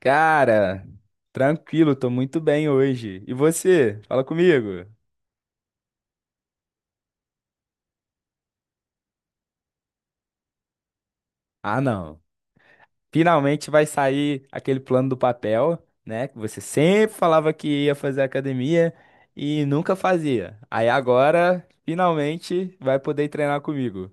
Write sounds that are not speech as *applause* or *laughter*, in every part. Cara, tranquilo, tô muito bem hoje. E você? Fala comigo. Ah, não. Finalmente vai sair aquele plano do papel, né? Que você sempre falava que ia fazer academia e nunca fazia. Aí agora, finalmente, vai poder treinar comigo.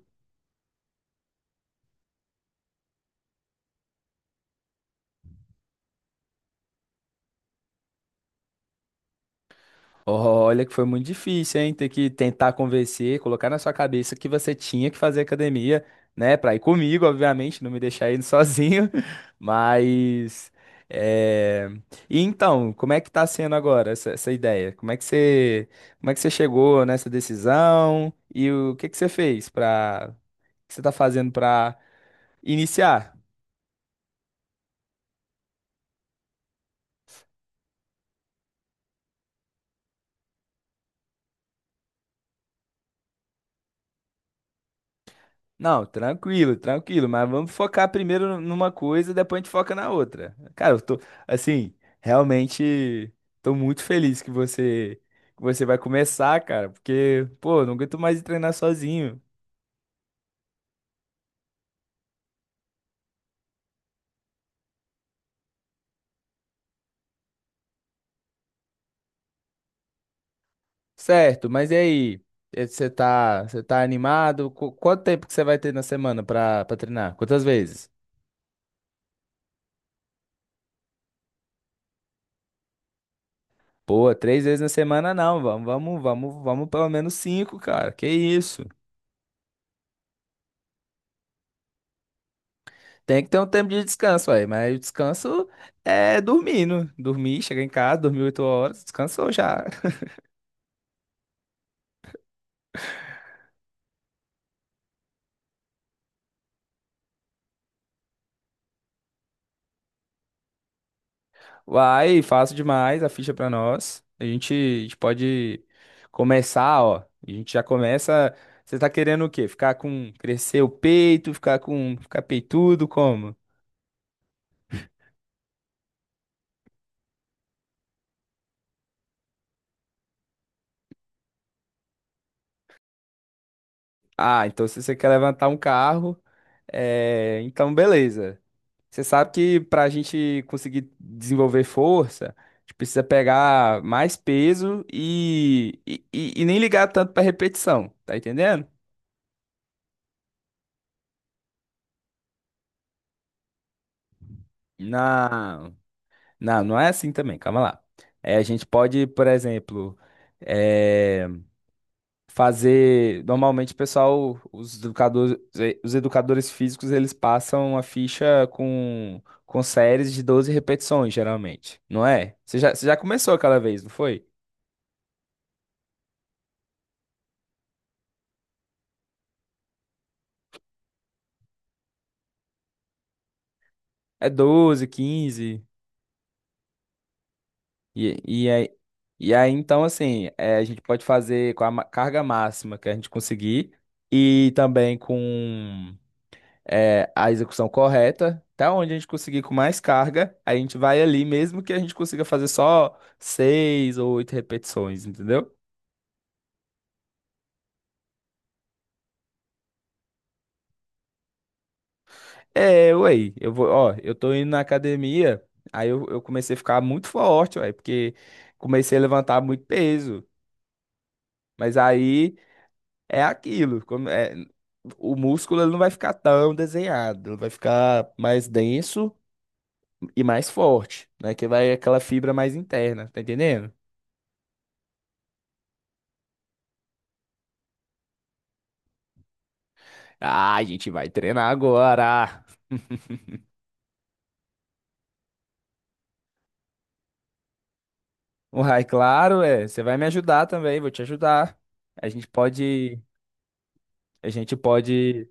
Olha que foi muito difícil, hein? Ter que tentar convencer, colocar na sua cabeça que você tinha que fazer academia, né? Pra ir comigo, obviamente, não me deixar indo sozinho. *laughs* Mas. É... E então, como é que tá sendo agora essa, ideia? Como é que você, como é que você chegou nessa decisão? E o que que você fez pra. O que você tá fazendo pra iniciar? Não, tranquilo, tranquilo, mas vamos focar primeiro numa coisa e depois a gente foca na outra. Cara, eu tô, assim, realmente tô muito feliz que você vai começar, cara, porque, pô, não aguento mais treinar sozinho. Certo, mas e aí? Você tá animado? Quanto tempo que você vai ter na semana pra, treinar? Quantas vezes? Pô, três vezes na semana não, vamos pelo menos cinco, cara. Que isso? Tem que ter um tempo de descanso aí, mas o descanso é dormindo. Dormir, chegar em casa, dormir 8 horas, descansou já. Vai, fácil demais a ficha pra nós. A gente pode começar, ó. A gente já começa. Você tá querendo o quê? Ficar com. Crescer o peito, ficar com. Ficar peitudo, como? Ah, então se você quer levantar um carro, é, então beleza. Você sabe que para a gente conseguir desenvolver força, a gente precisa pegar mais peso e nem ligar tanto para repetição, tá entendendo? Não, não, não é assim também, calma lá. É, a gente pode, por exemplo, é, fazer. Normalmente, o pessoal, os educadores físicos, eles passam a ficha com séries de 12 repetições, geralmente, não é? Você já começou aquela vez, não foi? É 12, quinze. E, e, aí, e aí, então, assim, é, a gente pode fazer com a carga máxima que a gente conseguir e também com é, a execução correta. Até onde a gente conseguir com mais carga, a gente vai ali, mesmo que a gente consiga fazer só seis ou oito repetições, entendeu? É, ué, eu vou, ó, eu tô indo na academia, eu comecei a ficar muito forte, ué, porque comecei a levantar muito peso. Mas aí. É aquilo. O músculo ele não vai ficar tão desenhado, ele vai ficar mais denso e mais forte, né? Que vai aquela fibra mais interna, tá entendendo? Ah, a gente vai treinar agora. *laughs* O Rai, claro, é. Você vai me ajudar também, vou te ajudar. A gente pode, a gente pode.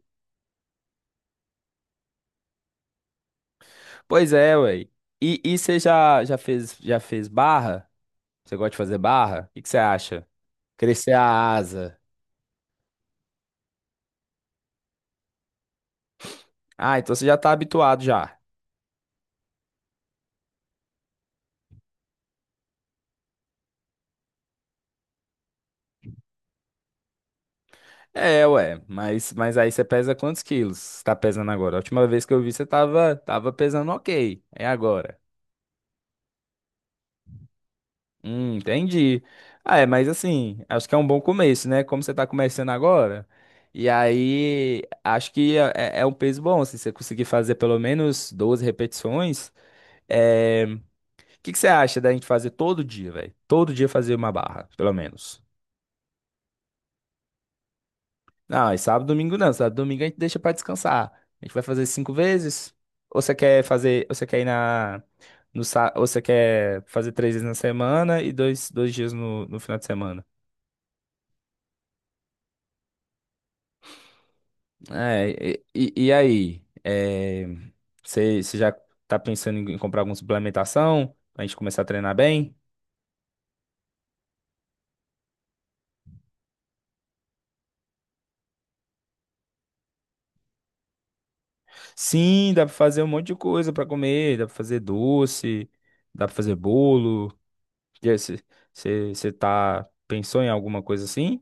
Pois é, ué. E você já, já fez barra? Você gosta de fazer barra? O que que você acha? Crescer a asa. Ah, então você já tá habituado já. É, ué, mas aí você pesa quantos quilos? Você tá pesando agora? A última vez que eu vi você tava, tava pesando ok. É agora. Entendi. Ah, é, mas assim, acho que é um bom começo, né? Como você tá começando agora, e aí acho que é, é um peso bom, se você conseguir fazer pelo menos 12 repetições. O que que você acha da gente fazer todo dia, velho? Todo dia fazer uma barra, pelo menos. Não, é sábado, domingo não. Sábado, domingo a gente deixa pra descansar. A gente vai fazer cinco vezes. Ou você quer fazer, ou você quer ir na no sá, ou você quer fazer três vezes na semana e dois dias no, no final de semana. É, e aí? É, você, você já tá pensando em comprar alguma suplementação pra gente começar a treinar bem? Sim, dá pra fazer um monte de coisa pra comer, dá pra fazer doce, dá pra fazer bolo. E aí, você tá, pensou em alguma coisa assim?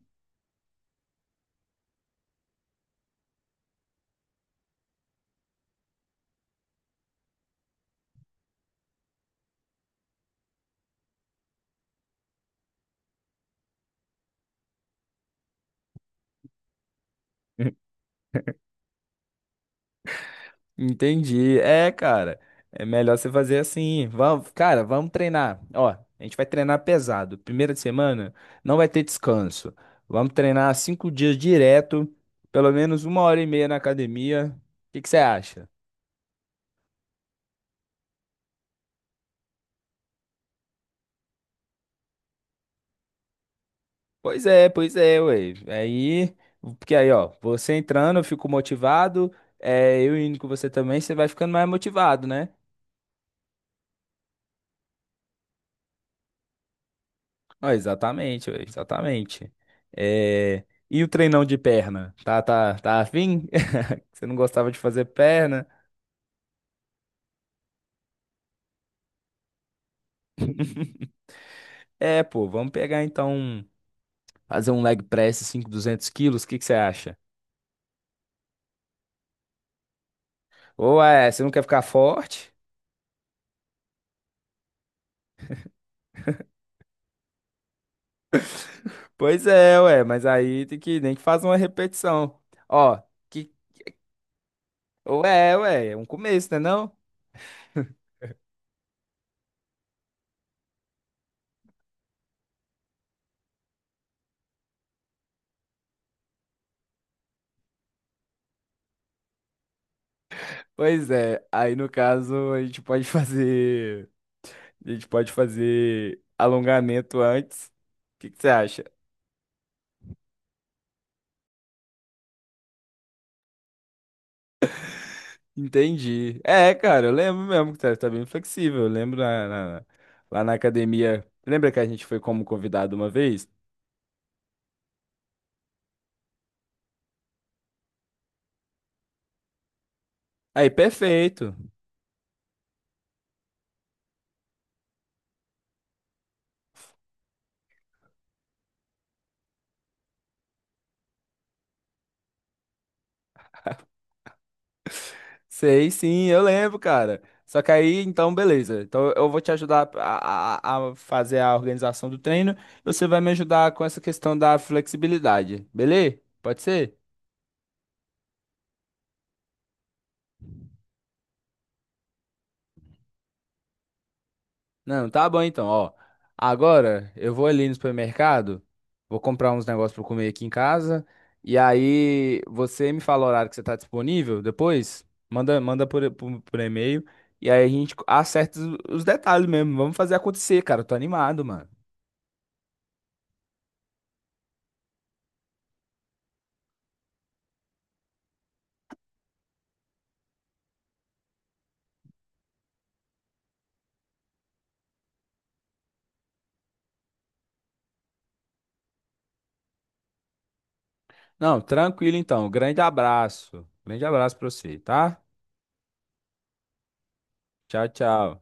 Entendi. É, cara, é melhor você fazer assim. Vamos, cara, vamos treinar. Ó, a gente vai treinar pesado. Primeira semana não vai ter descanso. Vamos treinar cinco dias direto, pelo menos uma hora e meia na academia. O que que você acha? Pois é, ué. Aí, porque aí, ó, você entrando, eu fico motivado. É, eu indo com você também, você vai ficando mais motivado, né? Ó, exatamente, ué, exatamente. É. E o treinão de perna? Tá afim? Você não gostava de fazer perna? *laughs* É, pô, vamos pegar então, fazer um leg press 5, 200 quilos, o que que você acha? Ou é, você não quer ficar forte? Pois é, ué, mas aí tem que, nem que faça uma repetição. Ó, que, ou é, ué, é um começo, né não? Pois é, aí no caso a gente pode fazer, a gente pode fazer alongamento antes. O que que você acha? Entendi. É, cara, eu lembro mesmo que tá, tá bem flexível. Eu lembro lá na academia. Lembra que a gente foi como convidado uma vez? Aí, perfeito. *laughs* Sei, sim, eu lembro, cara. Só que aí, então, beleza. Então, eu vou te ajudar a fazer a organização do treino. E você vai me ajudar com essa questão da flexibilidade, beleza? Pode ser? Não, tá bom então, ó. Agora eu vou ali no supermercado, vou comprar uns negócios pra eu comer aqui em casa. E aí você me fala o horário que você tá disponível depois, manda, manda por e-mail. E aí a gente acerta os detalhes mesmo. Vamos fazer acontecer, cara. Eu tô animado, mano. Não, tranquilo então. Grande abraço. Grande abraço pra você, tá? Tchau, tchau.